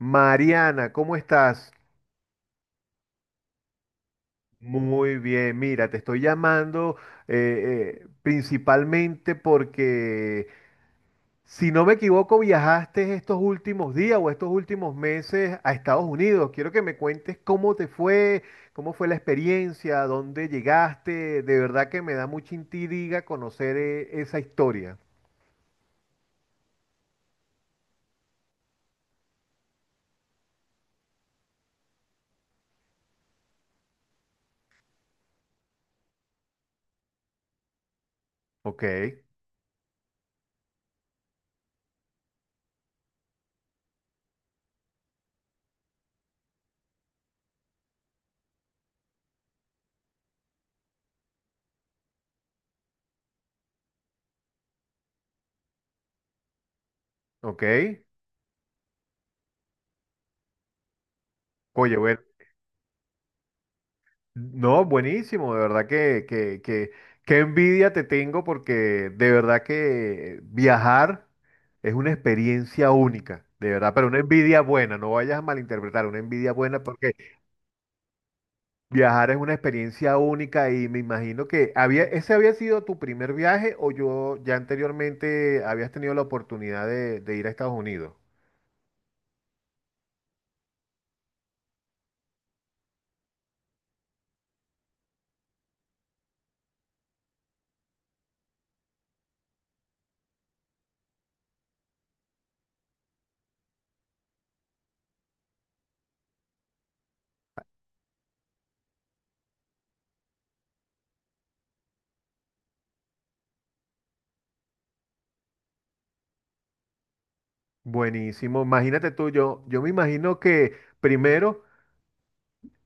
Mariana, ¿cómo estás? Muy bien, mira, te estoy llamando principalmente porque, si no me equivoco, viajaste estos últimos días o estos últimos meses a Estados Unidos. Quiero que me cuentes cómo te fue, cómo fue la experiencia, a dónde llegaste. De verdad que me da mucha intriga conocer esa historia. Ok, ok. Oye, bueno. No, buenísimo, de verdad que, qué envidia te tengo porque de verdad que viajar es una experiencia única, de verdad, pero una envidia buena, no vayas a malinterpretar, una envidia buena porque viajar es una experiencia única y me imagino que había, ese había sido tu primer viaje o yo ya anteriormente habías tenido la oportunidad de ir a Estados Unidos. Buenísimo, imagínate tú, yo me imagino que primero...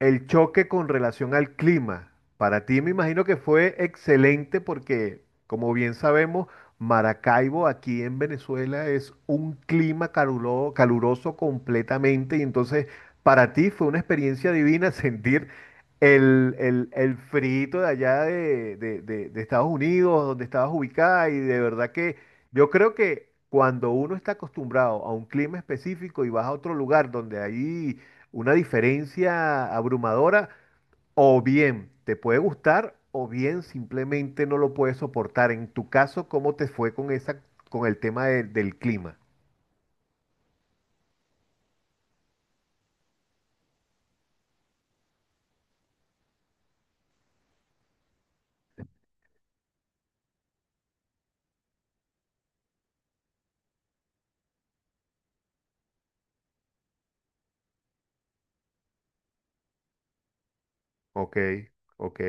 El choque con relación al clima, para ti me imagino que fue excelente porque, como bien sabemos, Maracaibo aquí en Venezuela es un clima caluroso completamente y entonces para ti fue una experiencia divina sentir el friito de allá de Estados Unidos, donde estabas ubicada y de verdad que yo creo que cuando uno está acostumbrado a un clima específico y vas a otro lugar donde hay una diferencia abrumadora, o bien te puede gustar, o bien simplemente no lo puedes soportar. En tu caso, ¿cómo te fue con esa, con el tema del clima? Ok, ok.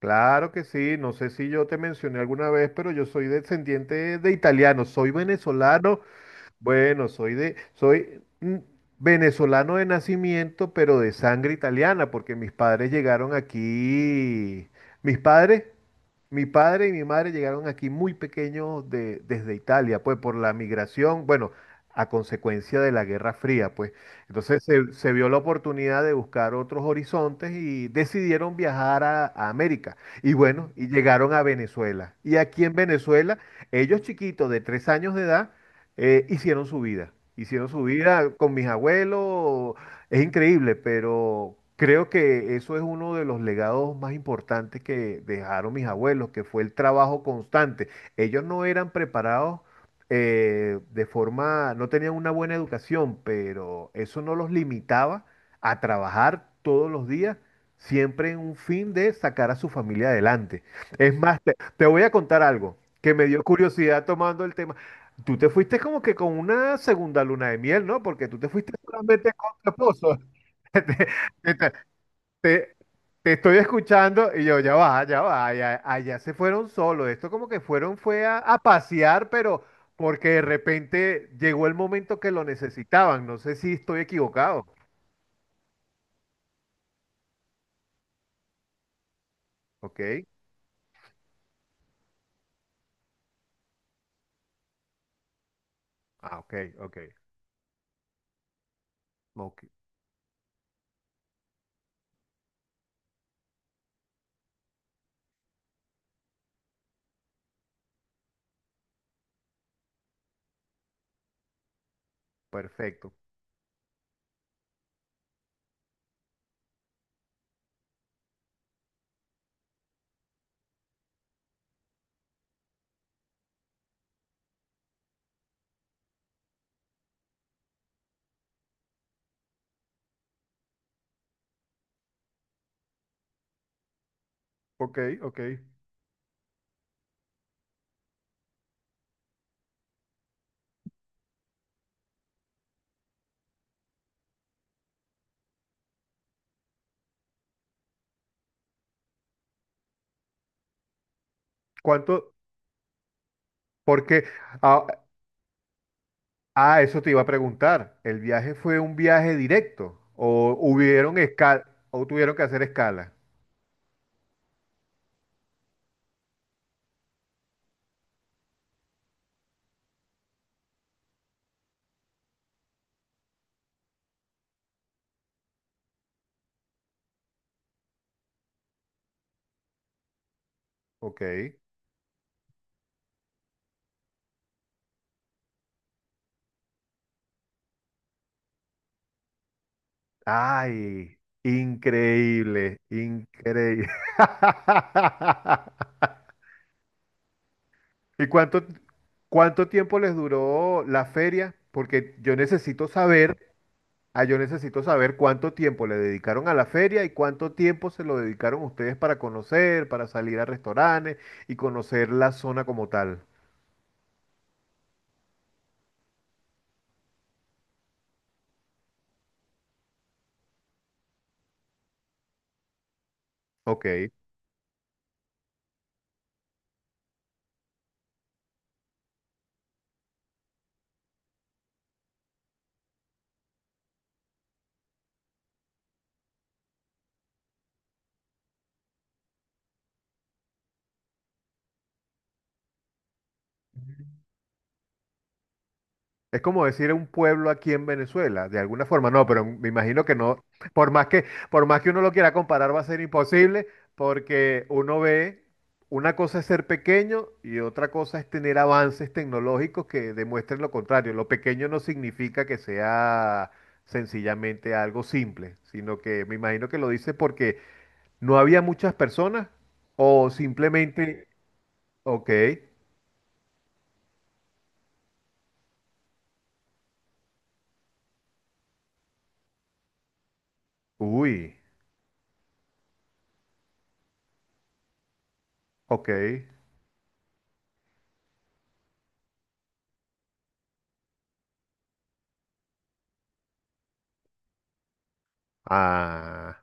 Claro que sí. No sé si yo te mencioné alguna vez, pero yo soy descendiente de italiano, soy venezolano. Bueno, soy venezolano de nacimiento, pero de sangre italiana, porque mis padres llegaron aquí. Mis padres Mi padre y mi madre llegaron aquí muy pequeños desde Italia, pues por la migración, bueno, a consecuencia de la Guerra Fría, pues. Entonces se vio la oportunidad de buscar otros horizontes y decidieron viajar a América. Y bueno, y llegaron a Venezuela. Y aquí en Venezuela, ellos chiquitos de tres años de edad, hicieron su vida. Hicieron su vida con mis abuelos, es increíble, pero creo que eso es uno de los legados más importantes que dejaron mis abuelos, que fue el trabajo constante. Ellos no eran preparados de forma, no tenían una buena educación, pero eso no los limitaba a trabajar todos los días, siempre en un fin de sacar a su familia adelante. Es más, te voy a contar algo que me dio curiosidad tomando el tema. Tú te fuiste como que con una segunda luna de miel, ¿no? Porque tú te fuiste solamente lo Te, te- te- te estoy escuchando y yo, ya va, allá se fueron solos. Esto como que fueron, fue a pasear, pero porque de repente llegó el momento que lo necesitaban. No sé si estoy equivocado. Ok, ah, ok, ok, ok, perfecto. Ok, ok. ¿Cuánto? Porque, ah, ah, eso te iba a preguntar. ¿El viaje fue un viaje directo o hubieron escala o tuvieron que hacer escala? Ok. Ay, increíble, increíble. ¿Y cuánto tiempo les duró la feria? Porque yo necesito saber, ah, yo necesito saber cuánto tiempo le dedicaron a la feria y cuánto tiempo se lo dedicaron ustedes para conocer, para salir a restaurantes y conocer la zona como tal. Ok. Es como decir un pueblo aquí en Venezuela, de alguna forma. No, pero me imagino que no. Por más por más que uno lo quiera comparar, va a ser imposible porque uno ve, una cosa es ser pequeño y otra cosa es tener avances tecnológicos que demuestren lo contrario. Lo pequeño no significa que sea sencillamente algo simple, sino que me imagino que lo dice porque no había muchas personas o simplemente, ok, uy, ok, ah,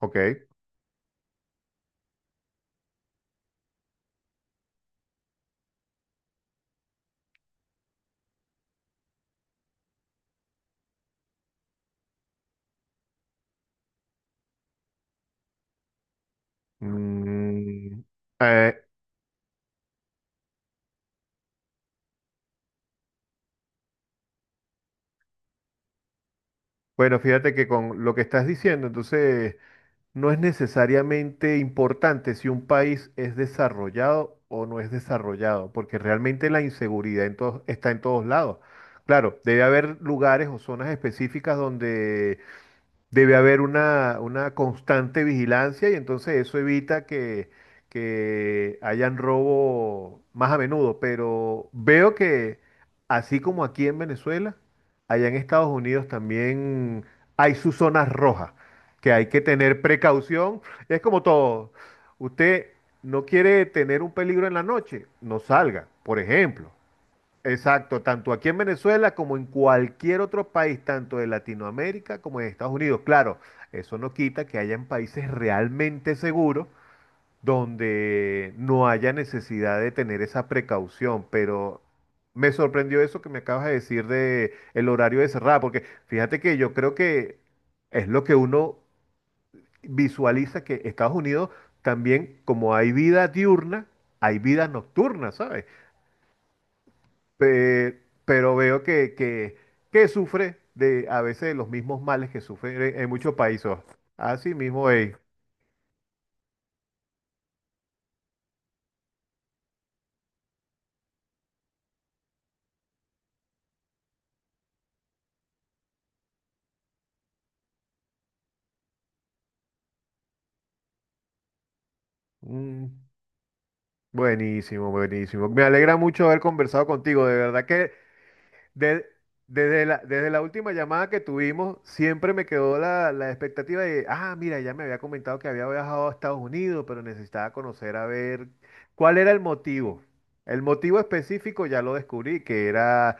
ok. Mm, eh, bueno, fíjate que con lo que estás diciendo, entonces no es necesariamente importante si un país es desarrollado o no es desarrollado, porque realmente la inseguridad está en todos lados. Claro, debe haber lugares o zonas específicas donde debe haber una constante vigilancia y entonces eso evita que hayan robo más a menudo. Pero veo que así como aquí en Venezuela, allá en Estados Unidos también hay sus zonas rojas, que hay que tener precaución. Es como todo. Usted no quiere tener un peligro en la noche, no salga, por ejemplo. Exacto, tanto aquí en Venezuela como en cualquier otro país, tanto de Latinoamérica como de Estados Unidos. Claro, eso no quita que hayan países realmente seguros donde no haya necesidad de tener esa precaución, pero me sorprendió eso que me acabas de decir de el horario de cerrada, porque fíjate que yo creo que es lo que uno visualiza que Estados Unidos también, como hay vida diurna, hay vida nocturna, ¿sabes? Pero veo que que sufre de a veces de los mismos males que sufre en muchos países. Así mismo, ey. Mm, buenísimo, buenísimo. Me alegra mucho haber conversado contigo. De verdad que de- desde desde la última llamada que tuvimos, siempre me quedó la expectativa de, ah, mira, ya me había comentado que había viajado a Estados Unidos, pero necesitaba conocer a ver cuál era el motivo. El motivo específico ya lo descubrí, que era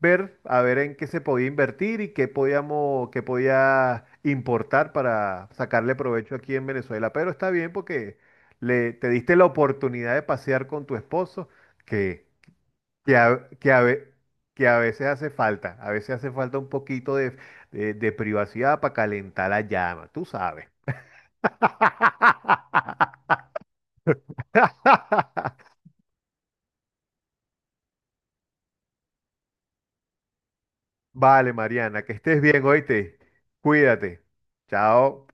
ver, a ver en qué se podía invertir y qué podíamos, qué podía importar para sacarle provecho aquí en Venezuela. Pero está bien porque te diste la oportunidad de pasear con tu esposo, que que a, que a ve- que a veces hace falta, a veces hace falta un poquito de, de privacidad para calentar la llama, tú sabes. Vale, Mariana, que estés bien, oíste. Cuídate. Chao.